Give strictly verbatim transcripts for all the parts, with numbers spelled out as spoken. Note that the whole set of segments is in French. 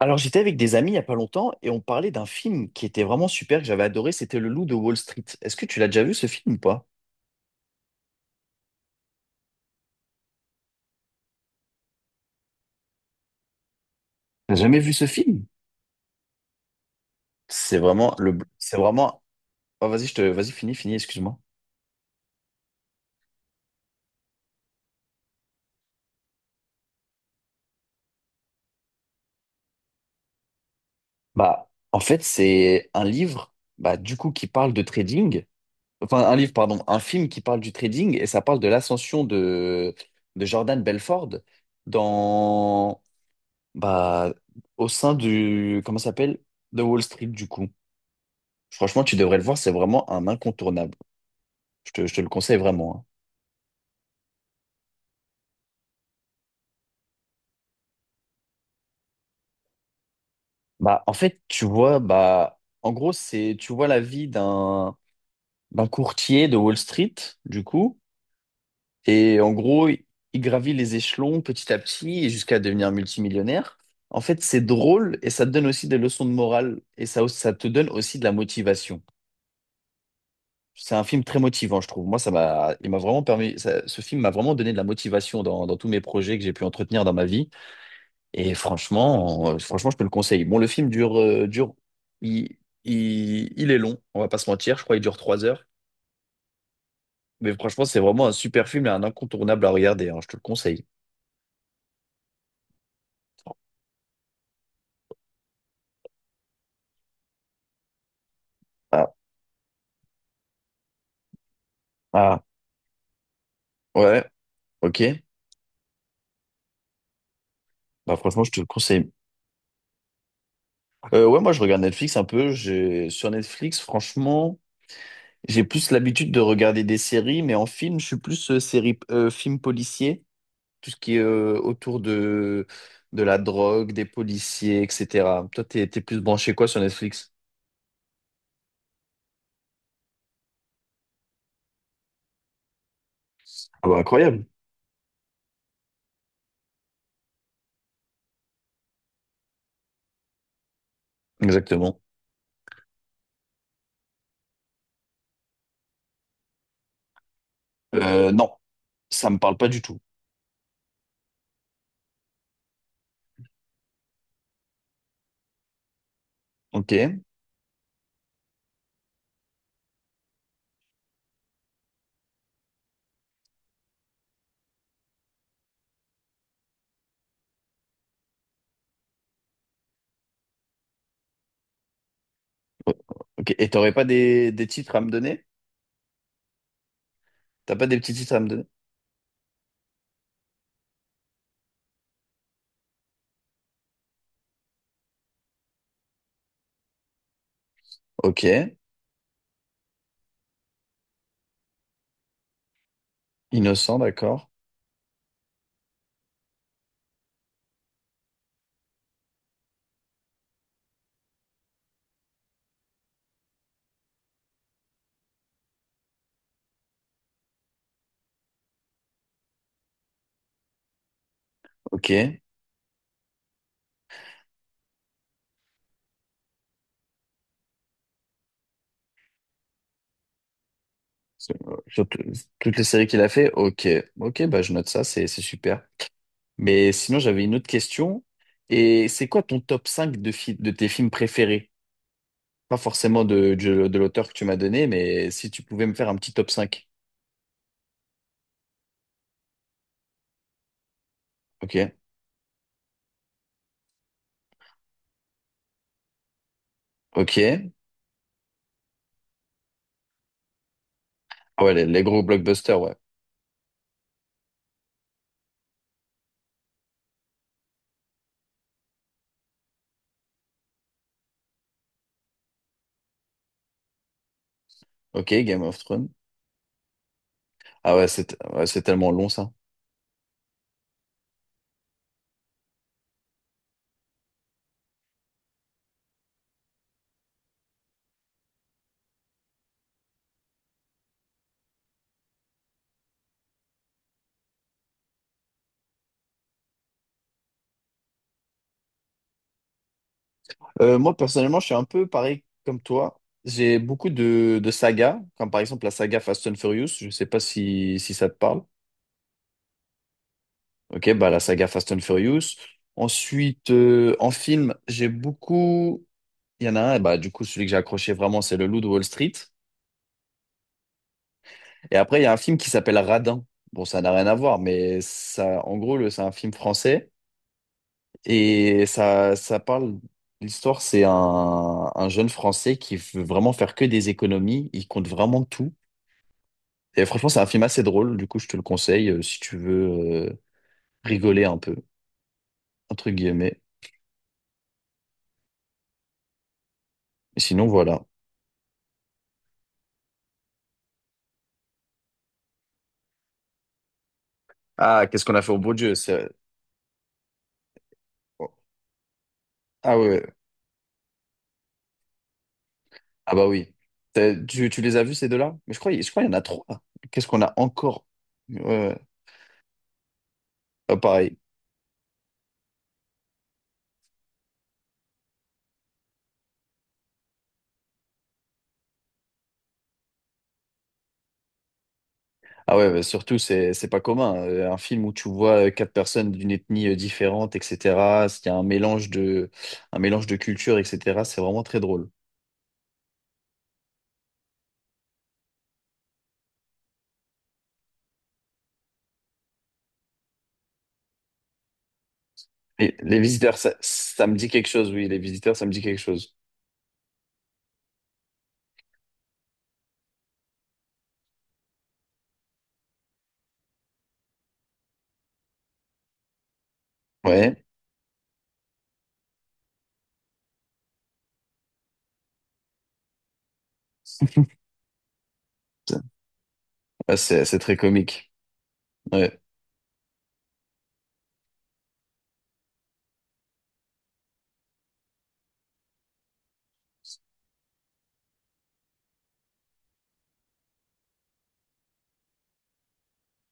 Alors, j'étais avec des amis il n'y a pas longtemps et on parlait d'un film qui était vraiment super, que j'avais adoré, c'était Le Loup de Wall Street. Est-ce que tu l'as déjà vu ce film ou pas? T'as jamais vu ce film? C'est vraiment le, c'est vraiment, Oh, vas-y, je te, vas-y, finis, finis, excuse-moi. Bah, en fait, c'est un livre, bah, du coup, qui parle de trading. Enfin, un livre, pardon, un film qui parle du trading et ça parle de l'ascension de, de Jordan Belfort dans, bah, au sein du, comment ça s'appelle? De Wall Street, du coup. Franchement, tu devrais le voir, c'est vraiment un incontournable. Je te, je te le conseille vraiment, hein. Bah, en fait, tu vois, bah, en gros, c'est, tu vois la vie d'un d'un courtier de Wall Street, du coup, et en gros, il il gravit les échelons petit à petit et jusqu'à devenir multimillionnaire. En fait, c'est drôle et ça te donne aussi des leçons de morale et ça, aussi- ça te donne aussi de la motivation. C'est un film très motivant, je trouve. Moi, ça m'a, il m'a vraiment permis, ça- ce film m'a vraiment donné de la motivation dans, dans tous mes projets que j'ai pu entretenir dans ma vie. Et franchement, euh, franchement, je te le conseille. Bon, le film dure, euh, dure, il, il, il est long, on va pas se mentir. Je crois qu'il dure trois heures. Mais franchement, c'est vraiment un super film et un incontournable à regarder. Hein, je te le conseille. Ah, ah, ouais, ok. Bah, franchement, je te le conseille. Euh, ouais, moi, je regarde Netflix un peu. J'ai, sur Netflix, franchement, j'ai plus l'habitude de regarder des séries, mais en film, je suis plus euh, série, euh, film policier. Tout ce qui est euh, autour de, de la drogue, des policiers, et cætera. Toi, t'es, t'es plus branché quoi sur Netflix? Ah bah, incroyable. Exactement. Euh, non, ça me parle pas du tout. Ok. Ok. Et t'aurais pas des, des titres à me donner? T'as pas des petits titres à me donner? Ok. Innocent, d'accord. Ok. C'est- euh, sur tout- toutes les séries qu'il a fait? Ok. Ok, bah je note ça, c'est c'est super. Mais sinon, j'avais une autre question. Et c'est quoi ton top cinq de, fi- de tes films préférés? Pas forcément de, de, de l'auteur que tu m'as donné, mais si tu pouvais me faire un petit top cinq. Ok. Ok. Ah ouais, les, les gros blockbusters, ouais. Ok, Game of Thrones. Ah ouais, c'est ouais, c'est tellement long ça. Euh, moi, personnellement, je suis un peu pareil comme toi. J'ai beaucoup de, de sagas, comme par exemple la saga Fast and Furious. Je sais pas si, si ça te parle. Ok, bah la saga Fast and Furious. Ensuite, euh, en film, j'ai beaucoup. Il y en a un, bah, du coup, celui que j'ai accroché vraiment, c'est Le Loup de Wall Street. Et après, il y a un film qui s'appelle Radin. Bon, ça n'a rien à voir, mais ça, en gros, le- c'est un film français. Et ça, ça parle. L'histoire, c'est un, un jeune Français qui veut vraiment faire que des économies. Il compte vraiment tout. Et franchement, c'est un film assez drôle. Du coup, je te le conseille euh, si tu veux euh, rigoler un peu, entre guillemets. Et sinon, voilà. Ah, qu'est-ce qu'on a fait au beau Dieu? c'est- Ah ouais, ouais. Ah bah oui. T'as- Tu, tu les as vus ces deux-là? Mais je crois, je crois qu'il y en a trois. Qu'est-ce qu'on a encore? Ouais, ouais. Ah, pareil. Ah ouais, bah surtout, c'est, c'est pas commun. Euh, Un film où tu vois euh, quatre personnes d'une ethnie euh, différente, et cætera. Il y a un mélange de, un mélange de cultures, et cætera. C'est vraiment très drôle. Et les visiteurs, ça, ça me dit quelque chose, oui. Les visiteurs, ça me dit quelque chose. Ouais. Ah, c'est, c'est très comique. Ouais.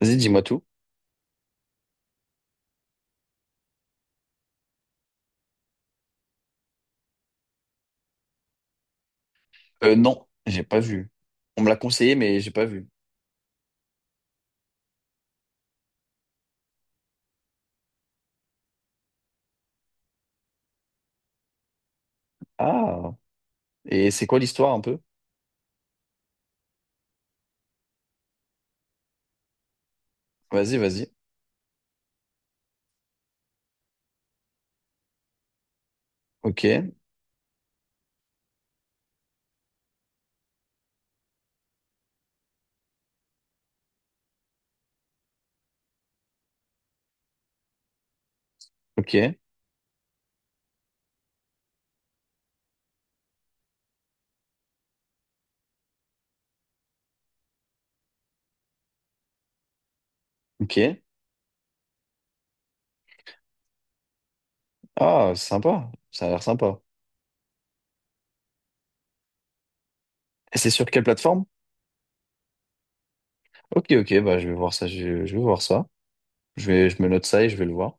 Vas-y, dis-moi tout. Euh, non, j'ai pas vu. On me l'a conseillé, mais j'ai pas vu. Ah, et c'est quoi l'histoire un peu? Vas-y, vas-y. Ok, ok, ok. Ah, sympa. Ça a l'air sympa. Et c'est sur quelle plateforme? Ok, ok, bah je vais voir ça, je, je vais voir ça. Je vais, je me note ça et je vais le voir.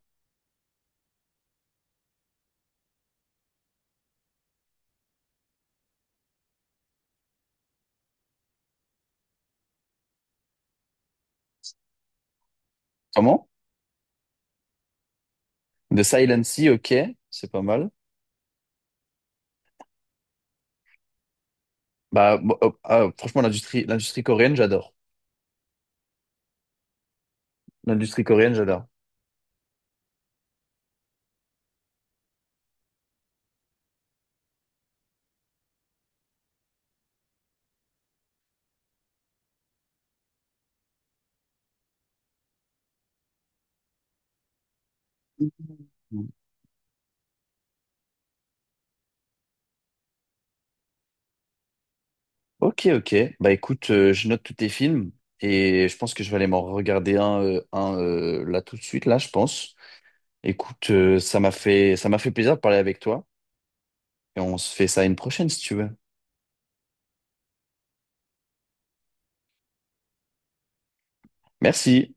Comment? The Silent Sea, ok, c'est pas mal. Bah, bon, oh, ah, franchement, l'industrie, l'industrie coréenne, j'adore. L'industrie coréenne, j'adore. Mhm. Ok, ok. Bah écoute, euh, je note tous tes films et je pense que je vais aller m'en regarder un, euh, un euh, là tout de suite, là, je pense. Écoute, euh, ça m'a fait, ça m'a fait plaisir de parler avec toi et on se fait ça une prochaine si tu veux. Merci.